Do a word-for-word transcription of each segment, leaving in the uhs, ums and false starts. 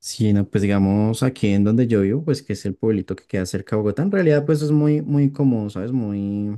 Sí, no, pues digamos aquí en donde yo vivo, pues que es el pueblito que queda cerca de Bogotá, en realidad pues es muy, muy cómodo, ¿sabes? Muy,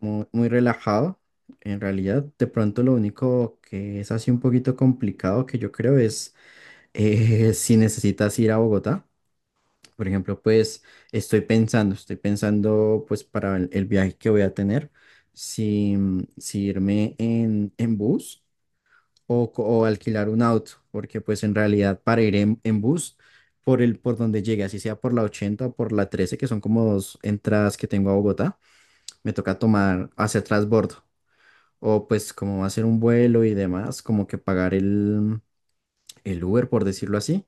muy, muy relajado. En realidad, de pronto lo único que es así un poquito complicado que yo creo es eh, si necesitas ir a Bogotá. Por ejemplo, pues estoy pensando, estoy pensando pues para el, el viaje que voy a tener, si, si irme en, en bus o, co- o alquilar un auto, porque pues en realidad para ir en, en bus por el por donde llegue, así sea por la ochenta o por la trece que son como dos entradas que tengo a Bogotá, me toca tomar hacia transbordo o pues como hacer un vuelo y demás, como que pagar el, el Uber, por decirlo así,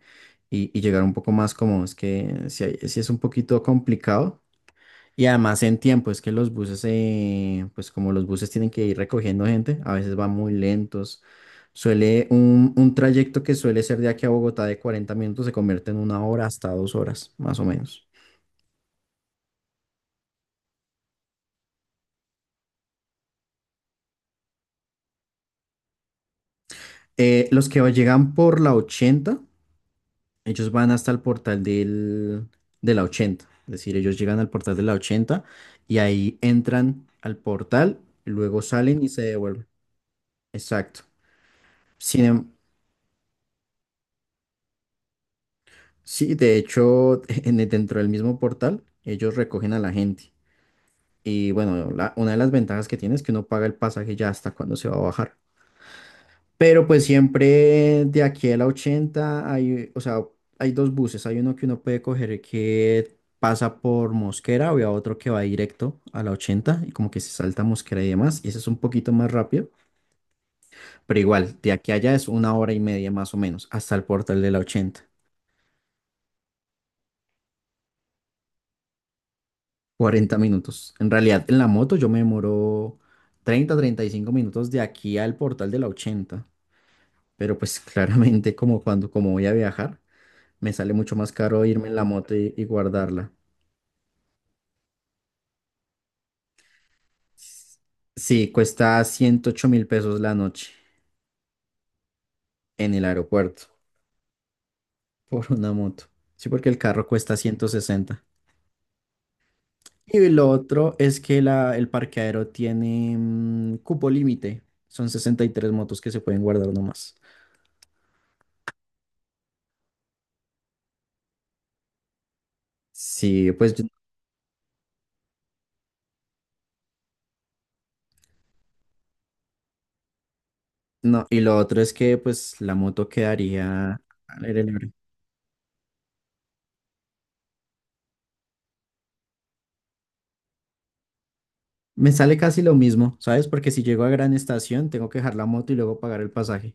y, y llegar un poco más cómodo. Es que si es un poquito complicado y además en tiempo, es que los buses, eh, pues como los buses tienen que ir recogiendo gente, a veces van muy lentos. Suele, un, un trayecto que suele ser de aquí a Bogotá de cuarenta minutos se convierte en una hora hasta dos horas, más o menos. Eh, los que llegan por la ochenta, ellos van hasta el portal del, de la ochenta. Es decir, ellos llegan al portal de la ochenta y ahí entran al portal, luego salen y se devuelven. Exacto. Sin, em- Sí, de hecho, en el- dentro del mismo portal, ellos recogen a la gente. Y bueno, la- una de las ventajas que tiene es que uno paga el pasaje ya hasta cuando se va a bajar. Pero pues siempre de aquí a la ochenta hay, o sea, hay dos buses. Hay uno que uno puede coger que pasa por Mosquera o hay otro que va directo a la ochenta y como que se salta Mosquera y demás. Y ese es un poquito más rápido. Pero igual, de aquí a allá es una hora y media más o menos hasta el portal de la ochenta. Cuarenta minutos. En realidad, en la moto yo me demoro treinta, treinta y cinco minutos de aquí al portal de la ochenta. Pero pues claramente como cuando como voy a viajar, me sale mucho más caro irme en la moto y, y guardarla. Sí, cuesta ciento ocho mil pesos la noche en el aeropuerto. Por una moto. Sí, porque el carro cuesta ciento sesenta. Y lo otro es que la, el parqueadero tiene mm, cupo límite. Son sesenta y tres motos que se pueden guardar nomás. Sí, pues. No, y lo otro es que pues la moto quedaría al aire libre. Me sale casi lo mismo, ¿sabes? Porque si llego a Gran Estación, tengo que dejar la moto y luego pagar el pasaje.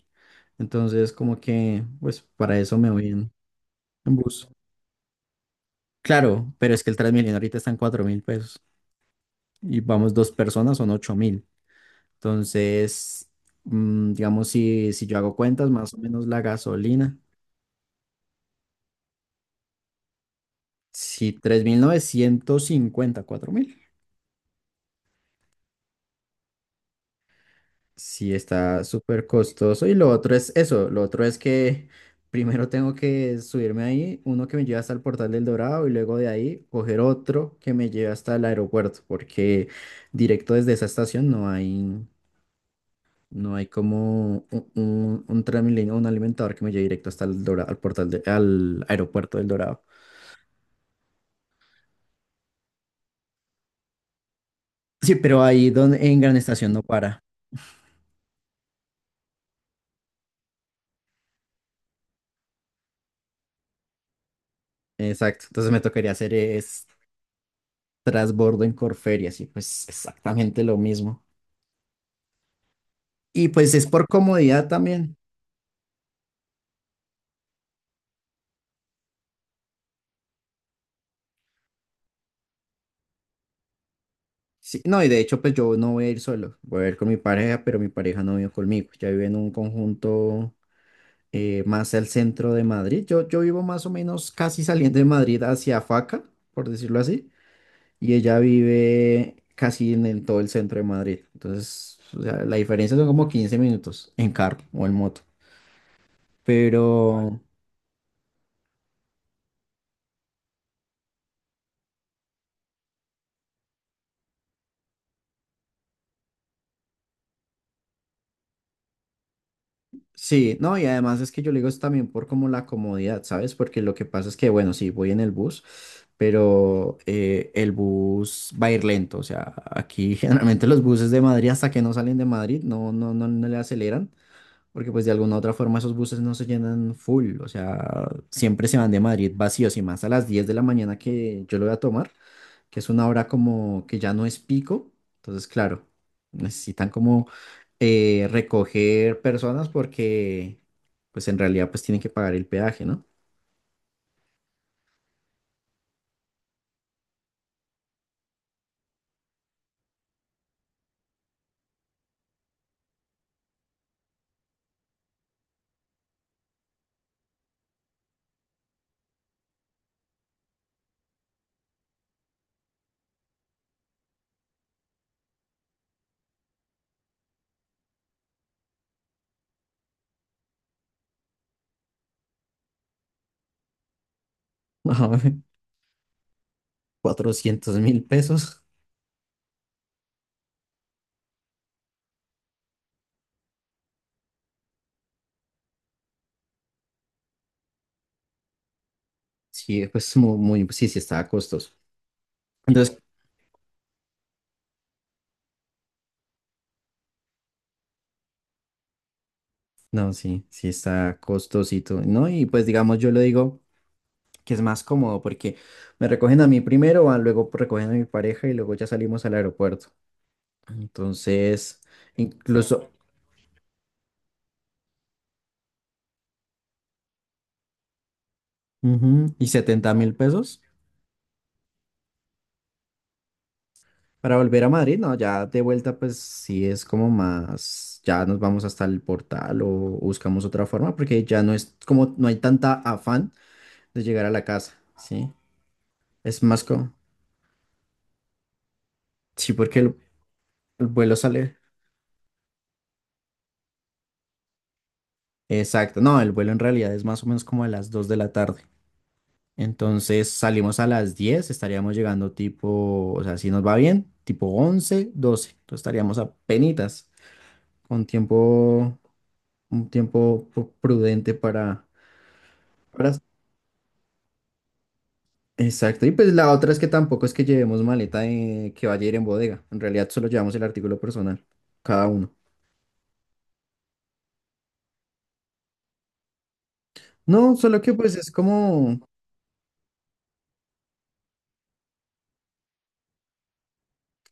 Entonces, como que, pues para eso me voy en, en bus. Claro, pero es que el Transmilenio ahorita está en cuatro mil pesos y vamos dos personas, son ocho mil. Entonces, mm, digamos, si, si yo hago cuentas, más o menos la gasolina, si tres mil novecientos cincuenta cuatro mil. Sí, está súper costoso. Y lo otro es eso, lo otro es que primero tengo que subirme ahí, uno que me lleva hasta el Portal del Dorado y luego de ahí coger otro que me lleve hasta el aeropuerto, porque directo desde esa estación no hay, no hay como un, un, un Transmilenio, un alimentador que me lleve directo hasta el Dorado, al portal de- al aeropuerto del Dorado. Sí, pero ahí donde, en Gran Estación no para. Exacto. Entonces me tocaría hacer es trasbordo en Corferia, sí, pues exactamente lo mismo. Y pues es por comodidad también. Sí, no, y de hecho, pues yo no voy a ir solo, voy a ir con mi pareja, pero mi pareja no vive conmigo. Ya vive en un conjunto eh, más al centro de Madrid. Yo, yo vivo más o menos casi saliendo de Madrid hacia Faca, por decirlo así, y ella vive casi en el- todo el centro de Madrid. Entonces, o sea, la diferencia son como quince minutos en carro o en moto. Vale. Pero, sí, no, y además es que yo le digo es también por como la comodidad, ¿sabes? Porque lo que pasa es que, bueno, sí, voy en el bus, pero eh, el bus va a ir lento, o sea, aquí generalmente los buses de Madrid hasta que no salen de Madrid no, no, no, no le aceleran, porque pues de alguna u otra forma esos buses no se llenan full, o sea, siempre se van de Madrid vacíos y más a las diez de la mañana que yo lo voy a tomar que es una hora como que ya no es pico. Entonces, claro, necesitan como eh, recoger personas porque, pues en realidad, pues tienen que pagar el peaje, ¿no? Cuatrocientos mil pesos. Sí, pues mu- muy, sí, sí está costoso. Entonces, no, sí, sí está costosito, ¿no? Y pues digamos, yo le digo que es más cómodo porque me recogen a mí primero, ah, luego recogen a mi pareja y luego ya salimos al aeropuerto. Entonces, incluso, ujú, y setenta mil pesos para volver a Madrid, no, ya de vuelta pues sí es como más, ya nos vamos hasta el portal o buscamos otra forma porque ya no es como, no hay tanta afán de llegar a la casa, ¿sí? Es más como, sí, porque el, el vuelo sale, exacto, no, el vuelo en realidad es más o menos como a las dos de la tarde, entonces salimos a las diez estaríamos llegando tipo, o sea, si nos va bien, tipo once doce entonces estaríamos a penitas con tiempo un tiempo pu- prudente para, para... Exacto. Y pues la otra es que tampoco es que llevemos maleta eh, que vaya a ir en bodega. En realidad solo llevamos el artículo personal, cada uno. No, solo que pues es como.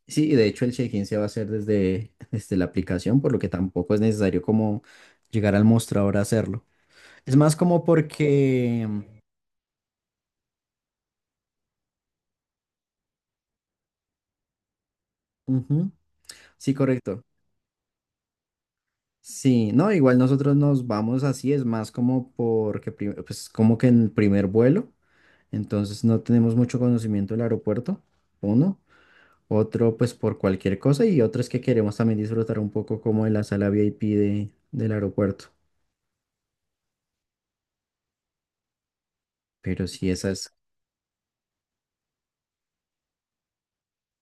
Sí, y de hecho el check-in se va a hacer desde, desde la aplicación, por lo que tampoco es necesario como llegar al mostrador a hacerlo. Es más como porque. Ujú, sí, correcto. Sí, no, igual nosotros nos vamos así, es más como porque, prim- pues como que en el primer vuelo. Entonces no tenemos mucho conocimiento del aeropuerto, uno. Otro, pues por cualquier cosa. Y otro es que queremos también disfrutar un poco como de la sala VIP de, del aeropuerto. Pero sí, esa es.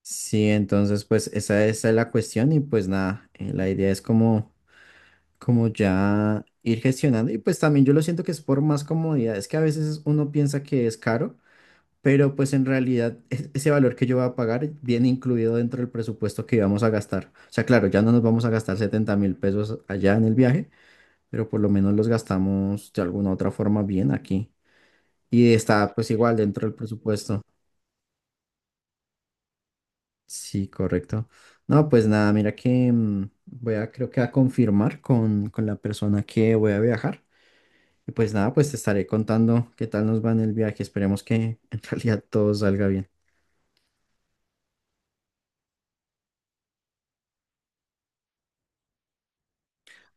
Sí, entonces pues esa, esa es la cuestión y pues nada, eh, la idea es como, como ya ir gestionando y pues también yo lo siento que es por más comodidad, es que a veces uno piensa que es caro pero pues en realidad es- ese valor que yo voy a pagar viene incluido dentro del presupuesto que íbamos a gastar. O sea, claro, ya no nos vamos a gastar setenta mil pesos allá en el viaje, pero por lo menos los gastamos de alguna otra forma bien aquí. Y está pues igual dentro del presupuesto. Sí, correcto. No, pues nada, mira que mm, voy a, creo que a confirmar con, con la persona que voy a viajar. Y pues nada, pues te estaré contando qué tal nos va en el viaje. Esperemos que en realidad todo salga bien.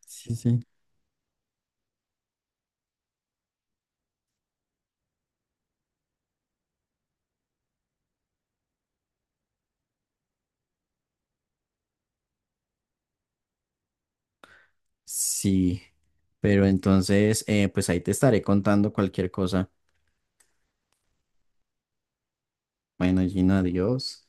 Sí, sí. Sí, pero entonces, eh, pues ahí te estaré contando cualquier cosa. Bueno, Gina, adiós.